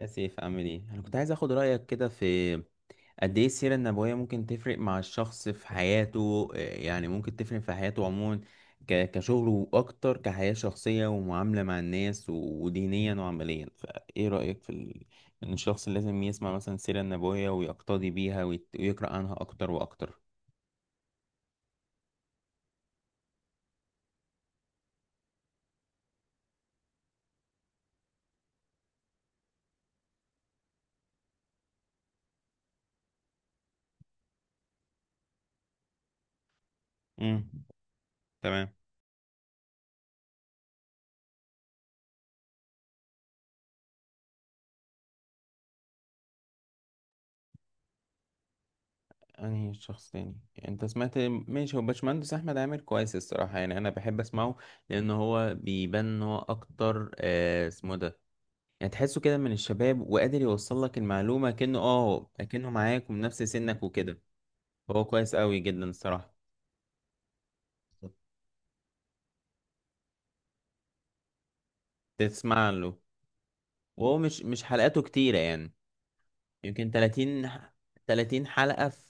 يا سيف عامل ايه؟ انا كنت عايز اخد رايك كده في قد ايه السيره النبويه ممكن تفرق مع الشخص في حياته. إيه يعني ممكن تفرق في حياته عموما، كشغله واكتر، كحياه شخصيه ومعامله مع الناس ودينيا وعمليا؟ فايه رايك ان الشخص لازم يسمع مثلا السيره النبويه ويقتدي بيها، ويقرا عنها اكتر واكتر؟ امم تمام. انهي شخص تاني يعني انت سمعت؟ ماشي، هو باشمهندس احمد عامر كويس الصراحه، يعني انا بحب اسمعه لان هو بيبان ان هو اكتر اسمه ده، يعني تحسه كده من الشباب وقادر يوصل لك المعلومه، كأنه كأنه معاك ومن نفس سنك وكده. هو كويس قوي جدا الصراحه. تسمع له. وهو مش حلقاته كتيره، يعني يمكن 30، 30 حلقه في،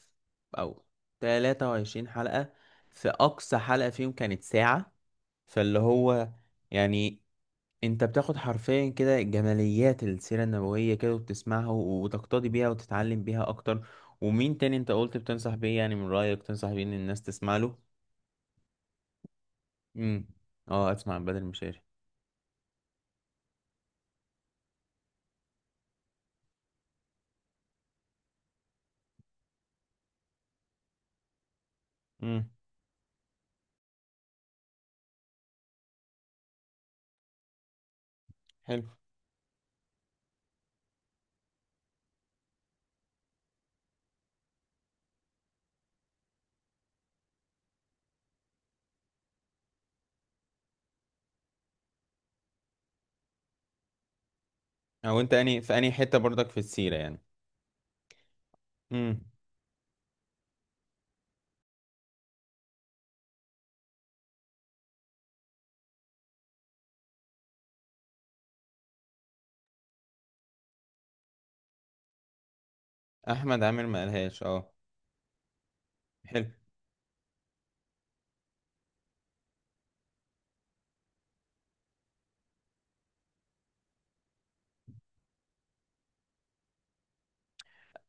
او 23 حلقه. في اقصى حلقه فيهم كانت ساعه، فاللي هو يعني انت بتاخد حرفيا كده جماليات السيرة النبوية كده، وبتسمعها وتقتدي بيها وتتعلم بيها اكتر. ومين تاني انت قلت بتنصح بيه؟ يعني من رأيك تنصح بيه ان الناس تسمع له؟ امم اه، اسمع عن بدر المشاري. امم حلو. او انت اني في اني حتة برضك في السيرة يعني؟ امم احمد عامر ما قالهاش؟ اه، حلو.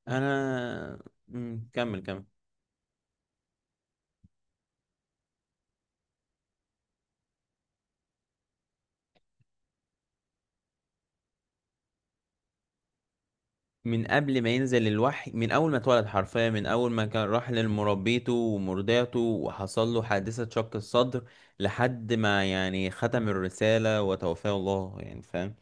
انا كمل كمل. من قبل ما ينزل الوحي، من اول ما اتولد حرفيا، من اول ما كان راح لمربيته ومرضعته وحصل له حادثة شق الصدر، لحد ما يعني ختم الرسالة وتوفاه الله يعني، فاهم؟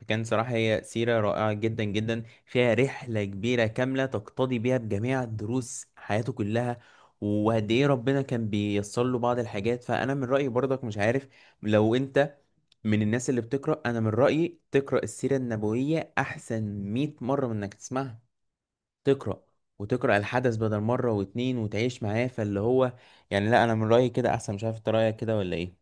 فكان صراحة هي سيرة رائعة جدا جدا، فيها رحلة كبيرة كاملة تقتضي بيها بجميع دروس حياته كلها، وقد ايه ربنا كان بييسر له بعض الحاجات. فانا من رأيي برضك، مش عارف لو انت من الناس اللي بتقرأ، انا من رأيي تقرأ السيرة النبوية احسن 100 مرة من انك تسمعها. تقرأ الحدث بدل مرة واتنين وتعيش معاه، فاللي هو يعني، لا، أنا من رأيي كده أحسن. مش عارف أنت رأيك كده ولا إيه؟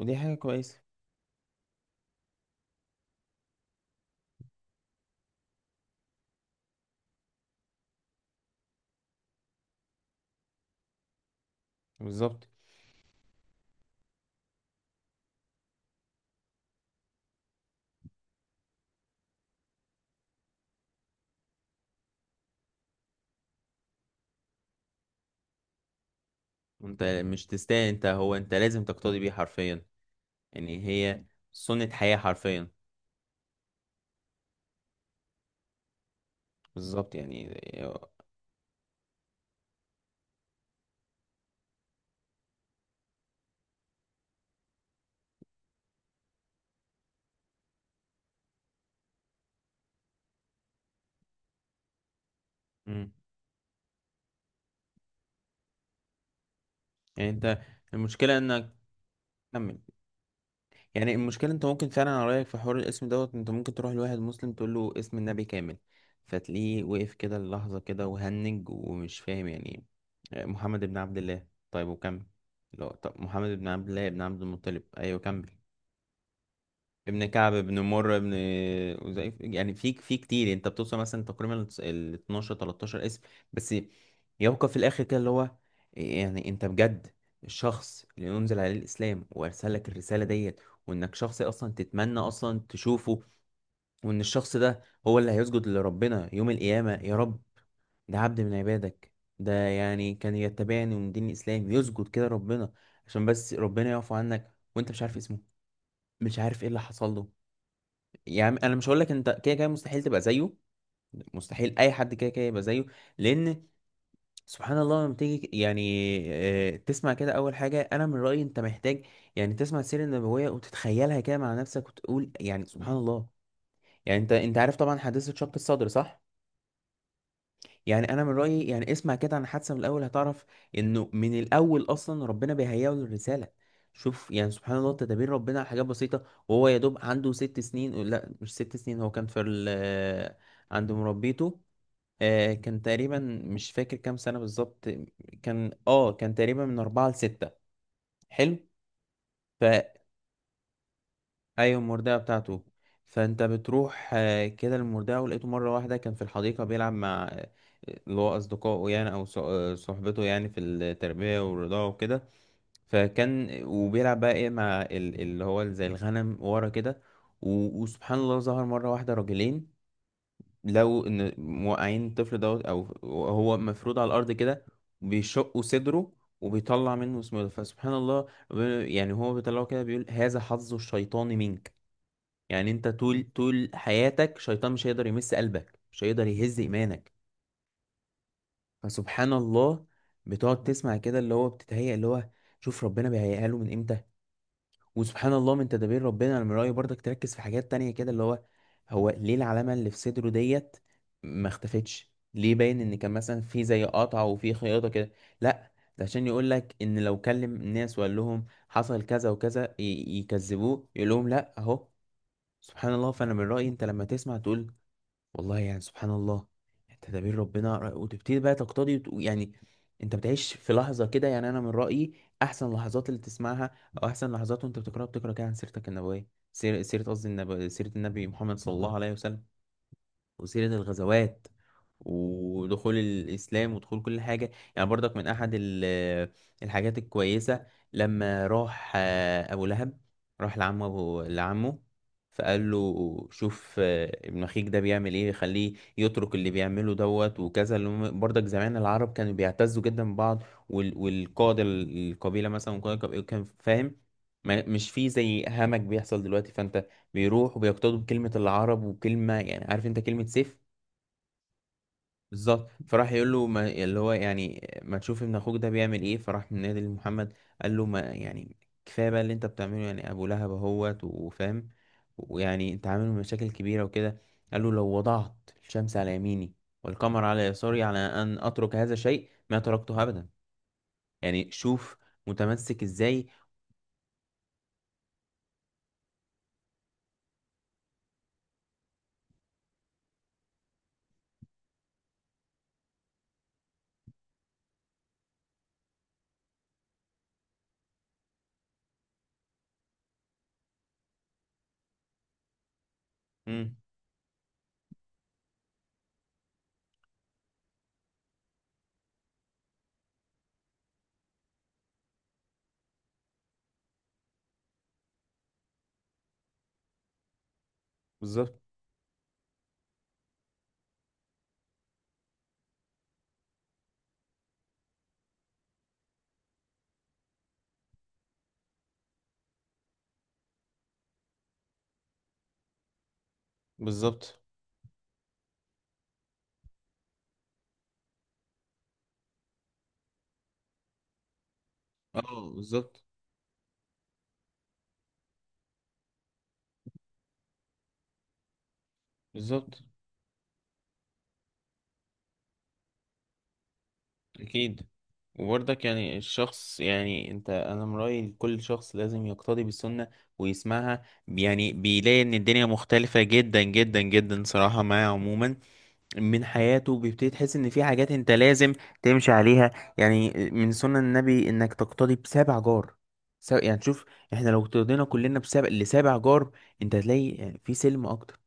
ودي حاجة كويسة. بالظبط. أنت مش تستاهل أنت هو أنت لازم تقتدي بيه حرفيا. يعني هي سنة حياة حرفيا، بالظبط يعني. مم. يعني أنت، المشكلة إنك كمل. يعني المشكلة انت ممكن فعلا، على رأيك، في حوار الاسم دوت انت ممكن تروح لواحد مسلم تقول له اسم النبي كامل، فتلاقيه وقف كده اللحظة كده وهنج ومش فاهم يعني. محمد بن عبد الله، طيب وكمل؟ لا، طب محمد بن عبد الله بن عبد المطلب، ايوه كمل، ابن كعب ابن مر يعني في كتير، انت بتوصل مثلا تقريبا ال 12، 13 اسم بس، يبقى في الاخر كده اللي هو يعني انت بجد الشخص اللي انزل عليه الاسلام وارسل لك الرساله ديت، وانك شخص اصلا تتمنى اصلا تشوفه، وان الشخص ده هو اللي هيسجد لربنا يوم القيامه، يا رب ده عبد من عبادك، ده يعني كان يتبعني من دين الاسلام يسجد كده ربنا عشان بس ربنا يعفو عنك، وانت مش عارف اسمه، مش عارف ايه اللي حصل له. يعني انا مش هقول لك انت كده كده مستحيل تبقى زيه، مستحيل اي حد كده كده يبقى زيه، لان سبحان الله لما تيجي يعني تسمع كده، اول حاجه انا من رايي انت محتاج يعني تسمع السيره النبويه وتتخيلها كده مع نفسك وتقول يعني سبحان الله. يعني انت عارف طبعا حادثه شق الصدر، صح؟ يعني انا من رايي يعني اسمع كده عن حادثه، من الاول هتعرف انه من الاول اصلا ربنا بيهيئه للرساله. شوف يعني سبحان الله تدابير ربنا على حاجات بسيطه، وهو يا دوب عنده ست سنين، لا مش ست سنين، هو كان في ال عند مربيته. كان تقريبا، مش فاكر كام سنه بالظبط، كان كان تقريبا من اربعه لسته. حلو. ف ايوه المرداه بتاعته، فانت بتروح كده المرداه، ولقيته مره واحده كان في الحديقه بيلعب مع اللي هو اصدقائه يعني، او صحبته يعني في التربيه والرضاعه وكده. فكان وبيلعب بقى ايه مع اللي هو زي الغنم ورا كده، وسبحان الله ظهر مره واحده راجلين، لو ان موقعين الطفل دوت او هو مفروض على الارض كده، بيشقوا صدره وبيطلع منه اسمه ده. فسبحان الله يعني هو بيطلعه كده بيقول هذا حظ الشيطان منك، يعني انت طول حياتك شيطان مش هيقدر يمس قلبك، مش هيقدر يهز ايمانك. فسبحان الله بتقعد تسمع كده اللي هو بتتهيأ اللي هو، شوف ربنا بيهيئها له من امتى. وسبحان الله من تدابير ربنا، انا من رأيي برضك تركز في حاجات تانية كده اللي هو، هو ليه العلامة اللي في صدره ديت ما اختفتش؟ ليه باين ان كان مثلا في زي قطعة وفي خياطة كده؟ لا، ده عشان يقول لك ان لو كلم الناس وقال لهم حصل كذا وكذا يكذبوه، يقول لهم لا اهو. سبحان الله. فانا من رأيي انت لما تسمع تقول والله يعني سبحان الله تدابير ربنا، وتبتدي بقى تقتضي يعني انت بتعيش في لحظة كده. يعني انا من رأيي احسن لحظات اللي تسمعها، او احسن لحظات وانت بتقرأ كده عن سيرتك النبوية، سيرة قصدي النبي، سيرة النبي محمد صلى الله عليه وسلم، وسيرة الغزوات ودخول الإسلام ودخول كل حاجة. يعني برضك من أحد الحاجات الكويسة، لما راح أبو لهب، راح لعمه لعمه، فقال له شوف ابن أخيك ده بيعمل إيه، خليه يترك اللي بيعمله دوت وكذا. اللي برضك زمان العرب كانوا بيعتزوا جدا ببعض، والقادة القبيلة مثلا، وقائد القبيلة كان فاهم، مش في زي همج بيحصل دلوقتي. فأنت بيروح وبيقتدوا بكلمة العرب وكلمة يعني، عارف أنت كلمة سيف، بالظبط. فراح يقول له ما اللي هو يعني ما تشوف ابن اخوك ده بيعمل ايه، فراح من نادي لمحمد قال له ما يعني كفايه بقى اللي انت بتعمله يعني، ابو لهب اهوت وفاهم، ويعني انت عامل مشاكل كبيره وكده. قال له لو وضعت الشمس على يميني والقمر على يساري على ان اترك هذا الشيء ما تركته ابدا. يعني شوف متمسك ازاي. امم بالظبط. بالظبط. اه بالظبط. بالظبط أكيد. وبرضك يعني الشخص يعني أنت، أنا من رأيي كل شخص لازم يقتدي بالسنة ويسمعها، يعني بيلاقي إن الدنيا مختلفة جدا جدا جدا صراحة معاه عموما. من حياته بيبتدي تحس إن في حاجات أنت لازم تمشي عليها. يعني من سنة النبي إنك تقتدي بسابع جار، يعني شوف، إحنا لو اقتدينا كلنا بسابع لسابع جار، أنت هتلاقي يعني في سلم أكتر،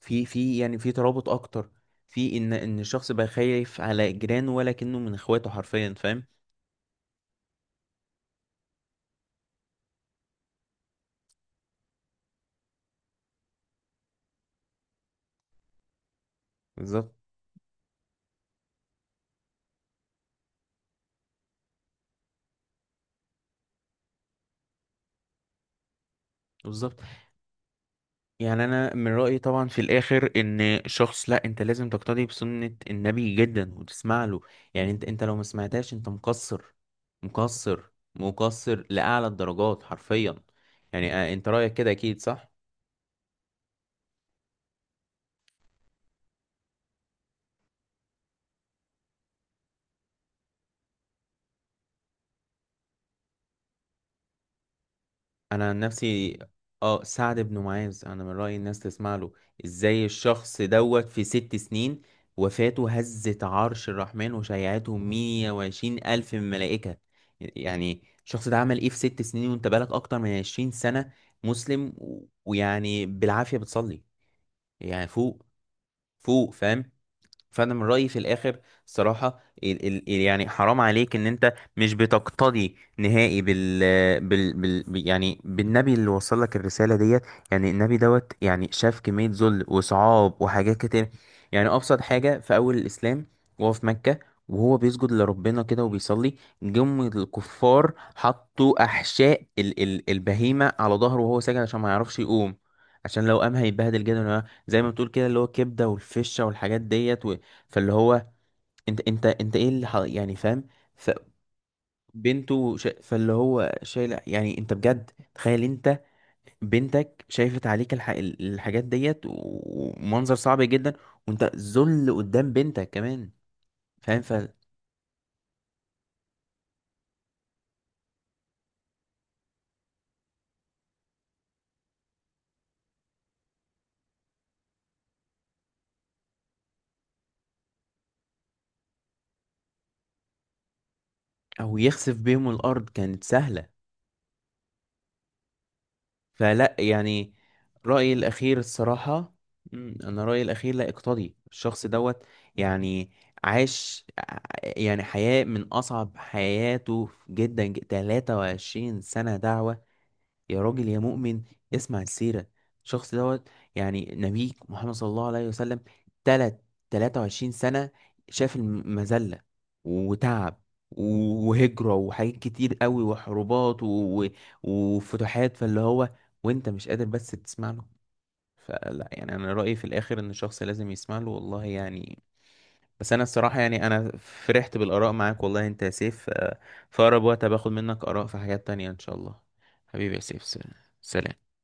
في يعني في ترابط اكتر، في ان الشخص بقى خايف على جيرانه، ولا كأنه من اخواته حرفيا، فاهم؟ بالظبط. بالظبط. يعني انا من رأيي طبعا في الاخر ان شخص، لا انت لازم تقتدي بسنة النبي جدا وتسمع له. يعني انت لو ما سمعتهاش انت مقصر، مقصر، مقصر لأعلى الدرجات حرفيا. يعني انت رأيك كده اكيد صح. انا عن نفسي، اه سعد بن معاذ، انا من رأيي الناس تسمع له. ازاي الشخص دوت في ست سنين وفاته هزت عرش الرحمن وشيعته مية وعشرين ألف من الملائكة؟ يعني الشخص ده عمل ايه في ست سنين، وانت بقالك اكتر من عشرين سنة مسلم ويعني بالعافية بتصلي؟ يعني فوق، فوق، فاهم؟ فانا من رايي في الاخر الصراحه يعني حرام عليك ان انت مش بتقتدي نهائي يعني بالنبي اللي وصل لك الرساله ديت. يعني النبي دوت يعني شاف كميه ذل وصعاب وحاجات كتير. يعني ابسط حاجه في اول الاسلام، وهو في مكه وهو بيسجد لربنا كده وبيصلي، جم الكفار حطوا احشاء ال ال البهيمه على ظهره وهو ساجد عشان ما يعرفش يقوم، عشان لو قام هيتبهدل جدا زي ما بتقول كده اللي هو كبده والفشه والحاجات ديت. فاللي هو انت ايه يعني فاهم؟ فاللي هو شايل، يعني انت بجد تخيل انت بنتك الحاجات ديت، ومنظر صعب جدا، وانت ذل قدام بنتك كمان، فاهم؟ ف او يخسف بيهم الارض كانت سهلة. فلا يعني، رأيي الأخير الصراحة، مم، أنا رأيي الأخير لا، اقتضي الشخص دوت. يعني عاش ع- يعني حياة من أصعب حياته جدا، تلاتة وعشرين سنة دعوة. يا راجل يا مؤمن اسمع السيرة، الشخص دوت يعني نبيك محمد صلى الله عليه وسلم. تلت 23 سنة شاف المذلة وتعب وهجرة وحاجات كتير قوي وحروبات و- وفتوحات، فاللي هو وانت مش قادر بس تسمع له؟ فلا يعني انا رأيي في الاخر ان الشخص لازم يسمع له، والله يعني. بس انا الصراحة يعني انا فرحت بالآراء معاك والله، انت يا سيف، في اقرب وقت باخد منك آراء في حاجات تانية ان شاء الله. حبيبي يا سيف، سلام.